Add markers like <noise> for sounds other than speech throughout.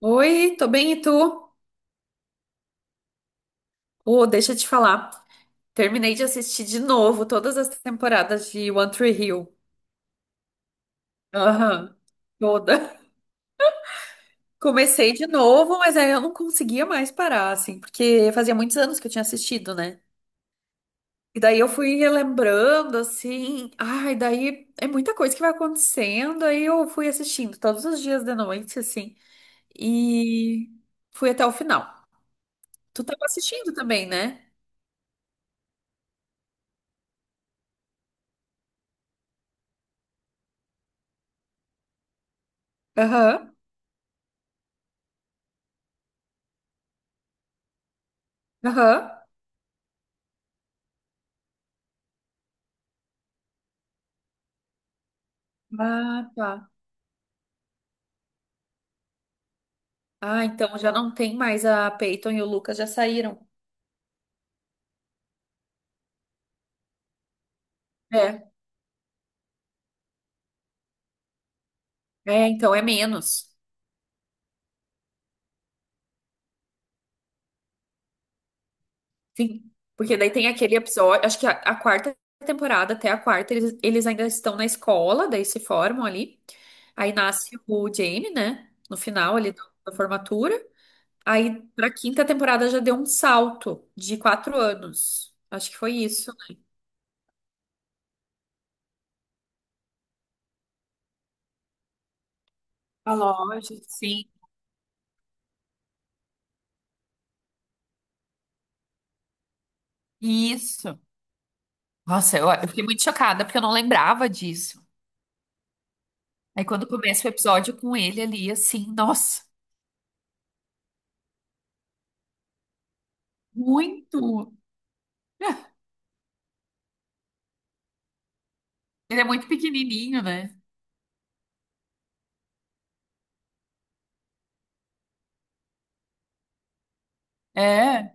Oi, tô bem e tu? Oh, deixa eu te falar. Terminei de assistir de novo todas as temporadas de One Tree Hill. Aham, toda. <laughs> Comecei de novo, mas aí eu não conseguia mais parar, assim, porque fazia muitos anos que eu tinha assistido, né? E daí eu fui relembrando, assim. Ai, daí é muita coisa que vai acontecendo. Aí eu fui assistindo todos os dias de noite, assim, e fui até o final. Tu tava assistindo também, né? Aham, aham. Ah, tá. Ah, então já não tem mais a Peyton e o Lucas já saíram. É, é, então é menos. Sim, porque daí tem aquele episódio, acho que a, quarta temporada, até a quarta, eles ainda estão na escola, daí se formam ali. Aí nasce o Jamie, né? No final ali da formatura. Aí pra quinta temporada já deu um salto de 4 anos. Acho que foi isso, né? A loja, sim. Isso. Nossa, eu fiquei muito chocada porque eu não lembrava disso. Aí quando começa o episódio com ele ali, assim, nossa, muito. <laughs> Ele é muito pequenininho, né? É.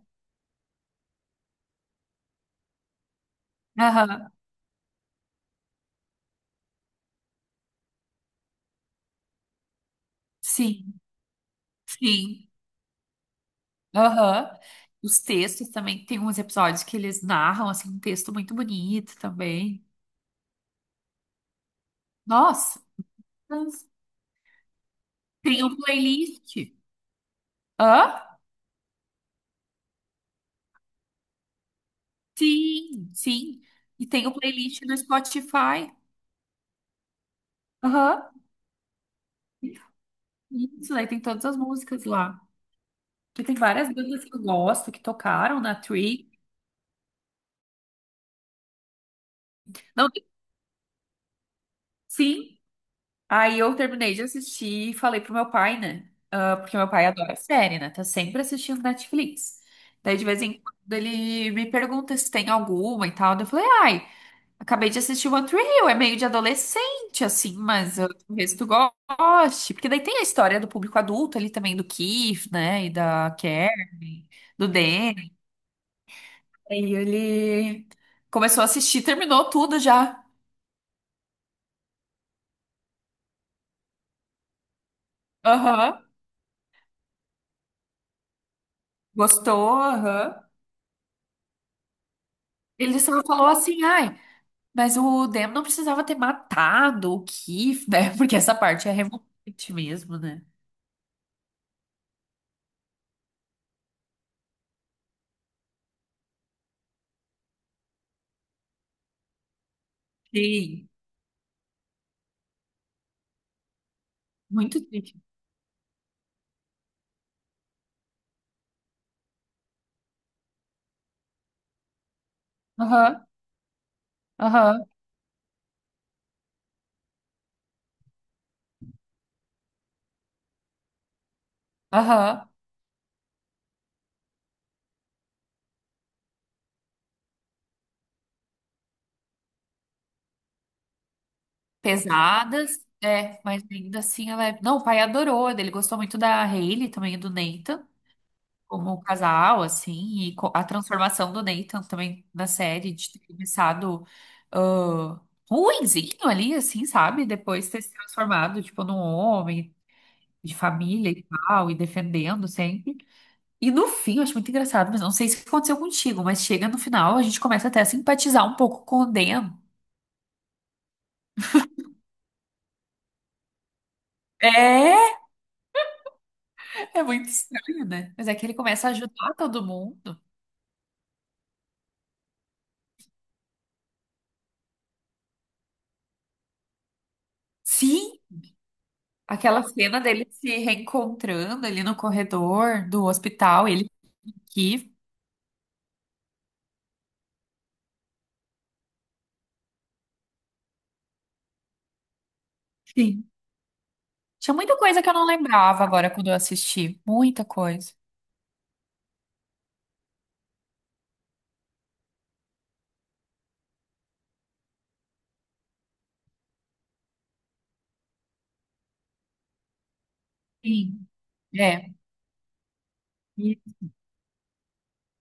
Aham. Sim, sim. Aham. Os textos também, tem uns episódios que eles narram, assim, um texto muito bonito também. Nossa, tem um playlist. Hã? Sim, sim. E tem o playlist no Spotify. Aham. Isso, aí tem todas as músicas lá. Porque tem várias bandas que eu gosto, que tocaram na Tree. Sim, aí eu terminei de assistir e falei pro meu pai, né? Ah, porque meu pai adora série, né? Tá sempre assistindo Netflix. Daí de vez em quando ele me pergunta se tem alguma e tal. Daí eu falei, ai, acabei de assistir One Tree Hill, é meio de adolescente, assim, mas eu talvez tu goste. Porque daí tem a história do público adulto ali também, do Keith, né? E da Karen, do Danny. Aí ele começou a assistir, terminou tudo já. Aham. Gostou? Aham. Ele só falou assim, ai, mas o Demo não precisava ter matado o Keith, né? <laughs> Porque essa parte é revoltante mesmo, né? Sim, muito triste. Aham, aham, aham. Pesadas, é, mas ainda assim ela é... Não, o pai adorou, né? Ele gostou muito da Hayley também, do Nathan, como o casal, assim, e a transformação do Nathan também na série, de ter começado ah, ruinzinho ali, assim, sabe? Depois ter se transformado, tipo, num homem e de família e tal, e defendendo sempre. E no fim, eu acho muito engraçado, mas não sei se aconteceu contigo, mas chega no final, a gente começa até a simpatizar um pouco com o Dan. É, é muito estranho, né? Mas é que ele começa a ajudar todo mundo. Sim, aquela cena dele se reencontrando ali no corredor do hospital, ele aqui. Sim. Tinha muita coisa que eu não lembrava agora quando eu assisti. Muita coisa. Sim. É.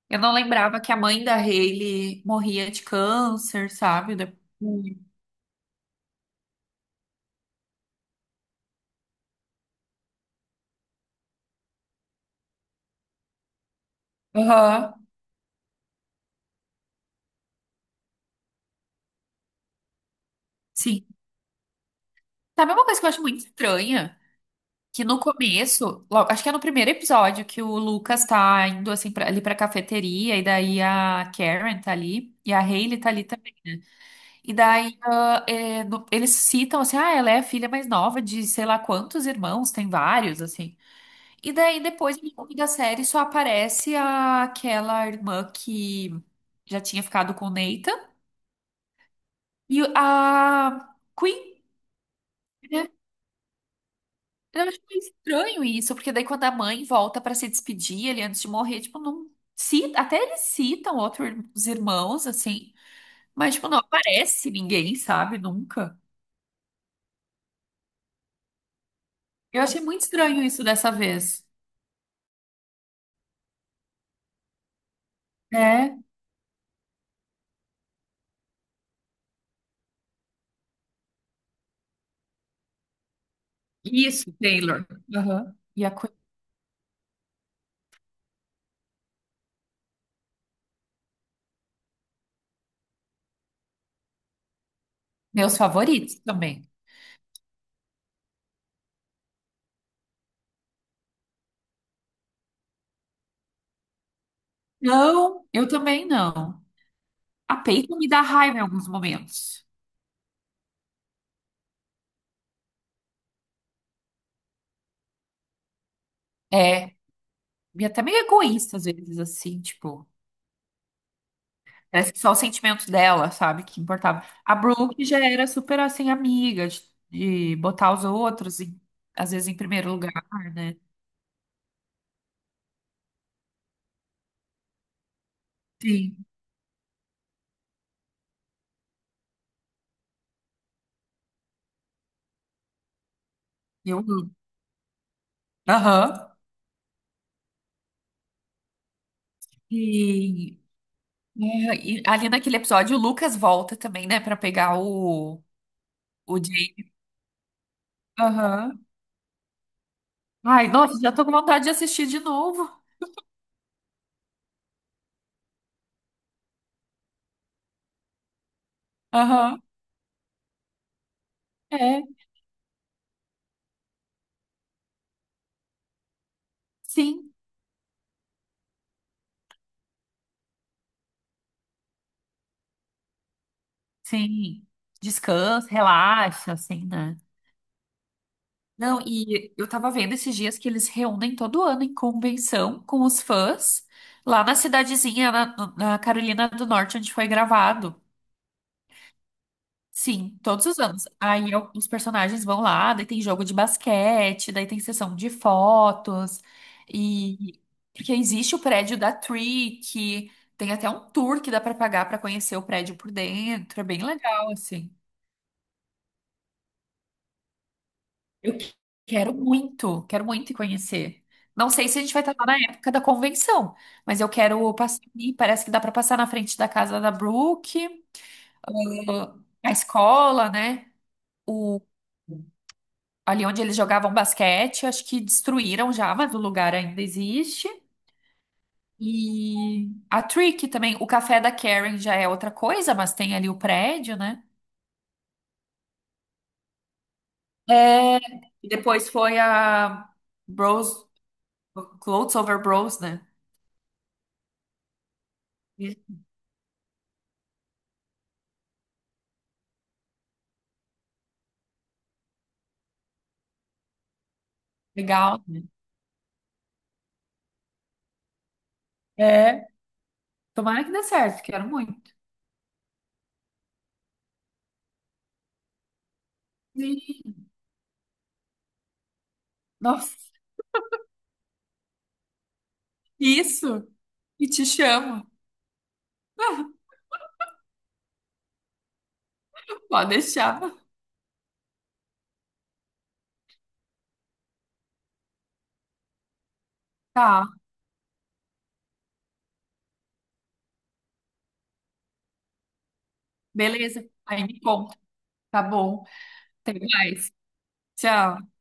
Eu não lembrava que a mãe da Hailey morria de câncer, sabe? Depois hum. Aham. Sim. Sabe uma coisa que eu acho muito estranha? Que no começo, logo, acho que é no primeiro episódio, que o Lucas tá indo assim pra, ali pra cafeteria, e daí a Karen tá ali, e a Hailey tá ali também, né? E daí ah, é, eles citam assim, ah, ela é a filha mais nova de sei lá quantos irmãos, tem vários, assim. E daí depois, no longo da série, só aparece aquela irmã que já tinha ficado com o Nathan e a Queen, né? Eu acho meio estranho isso, porque daí quando a mãe volta pra se despedir ele antes de morrer, tipo, não cita, até eles citam outros irmãos, assim, mas tipo, não aparece ninguém, sabe? Nunca. Eu achei muito estranho isso dessa vez. É. Isso, Taylor. Aham. E a Queen, meus favoritos também. Não, eu também não. A peita me dá raiva em alguns momentos. É, e até meio egoísta às vezes, assim, tipo. Parece que só o sentimento dela, sabe, que importava. A Brooke já era super, assim, amiga de botar os outros, às vezes, em primeiro lugar, né? Sim, eu amo. Aham. E, e ali naquele episódio, o Lucas volta também, né, pra pegar o Jay. Aham. Ai, nossa, já tô com vontade de assistir de novo. Aham. É, sim. Sim. Descansa, relaxa, assim, né? Não, e eu tava vendo esses dias que eles reúnem todo ano em convenção com os fãs lá na cidadezinha, na Carolina do Norte, onde foi gravado. Sim, todos os anos. Aí os personagens vão lá, daí tem jogo de basquete, daí tem sessão de fotos, e porque existe o prédio da Tree, que tem até um tour que dá pra pagar pra conhecer o prédio por dentro, é bem legal, assim. Eu que- quero muito, quero muito ir conhecer. Não sei se a gente vai estar lá na época da convenção, mas eu quero passar ali. Parece que dá para passar na frente da casa da Brooke, a escola, né? O, ali onde eles jogavam basquete, acho que destruíram já, mas o lugar ainda existe. E a Trick também. O café da Karen já é outra coisa, mas tem ali o prédio, né? É, e depois foi a Bros, Clothes Over Bros, né? Legal, né? É, tomara que dê certo, quero muito. Sim. Nossa, isso. E te chamo. <laughs> Pode deixar. Tá, beleza. Aí me conta, tá bom. Até mais. Tchau.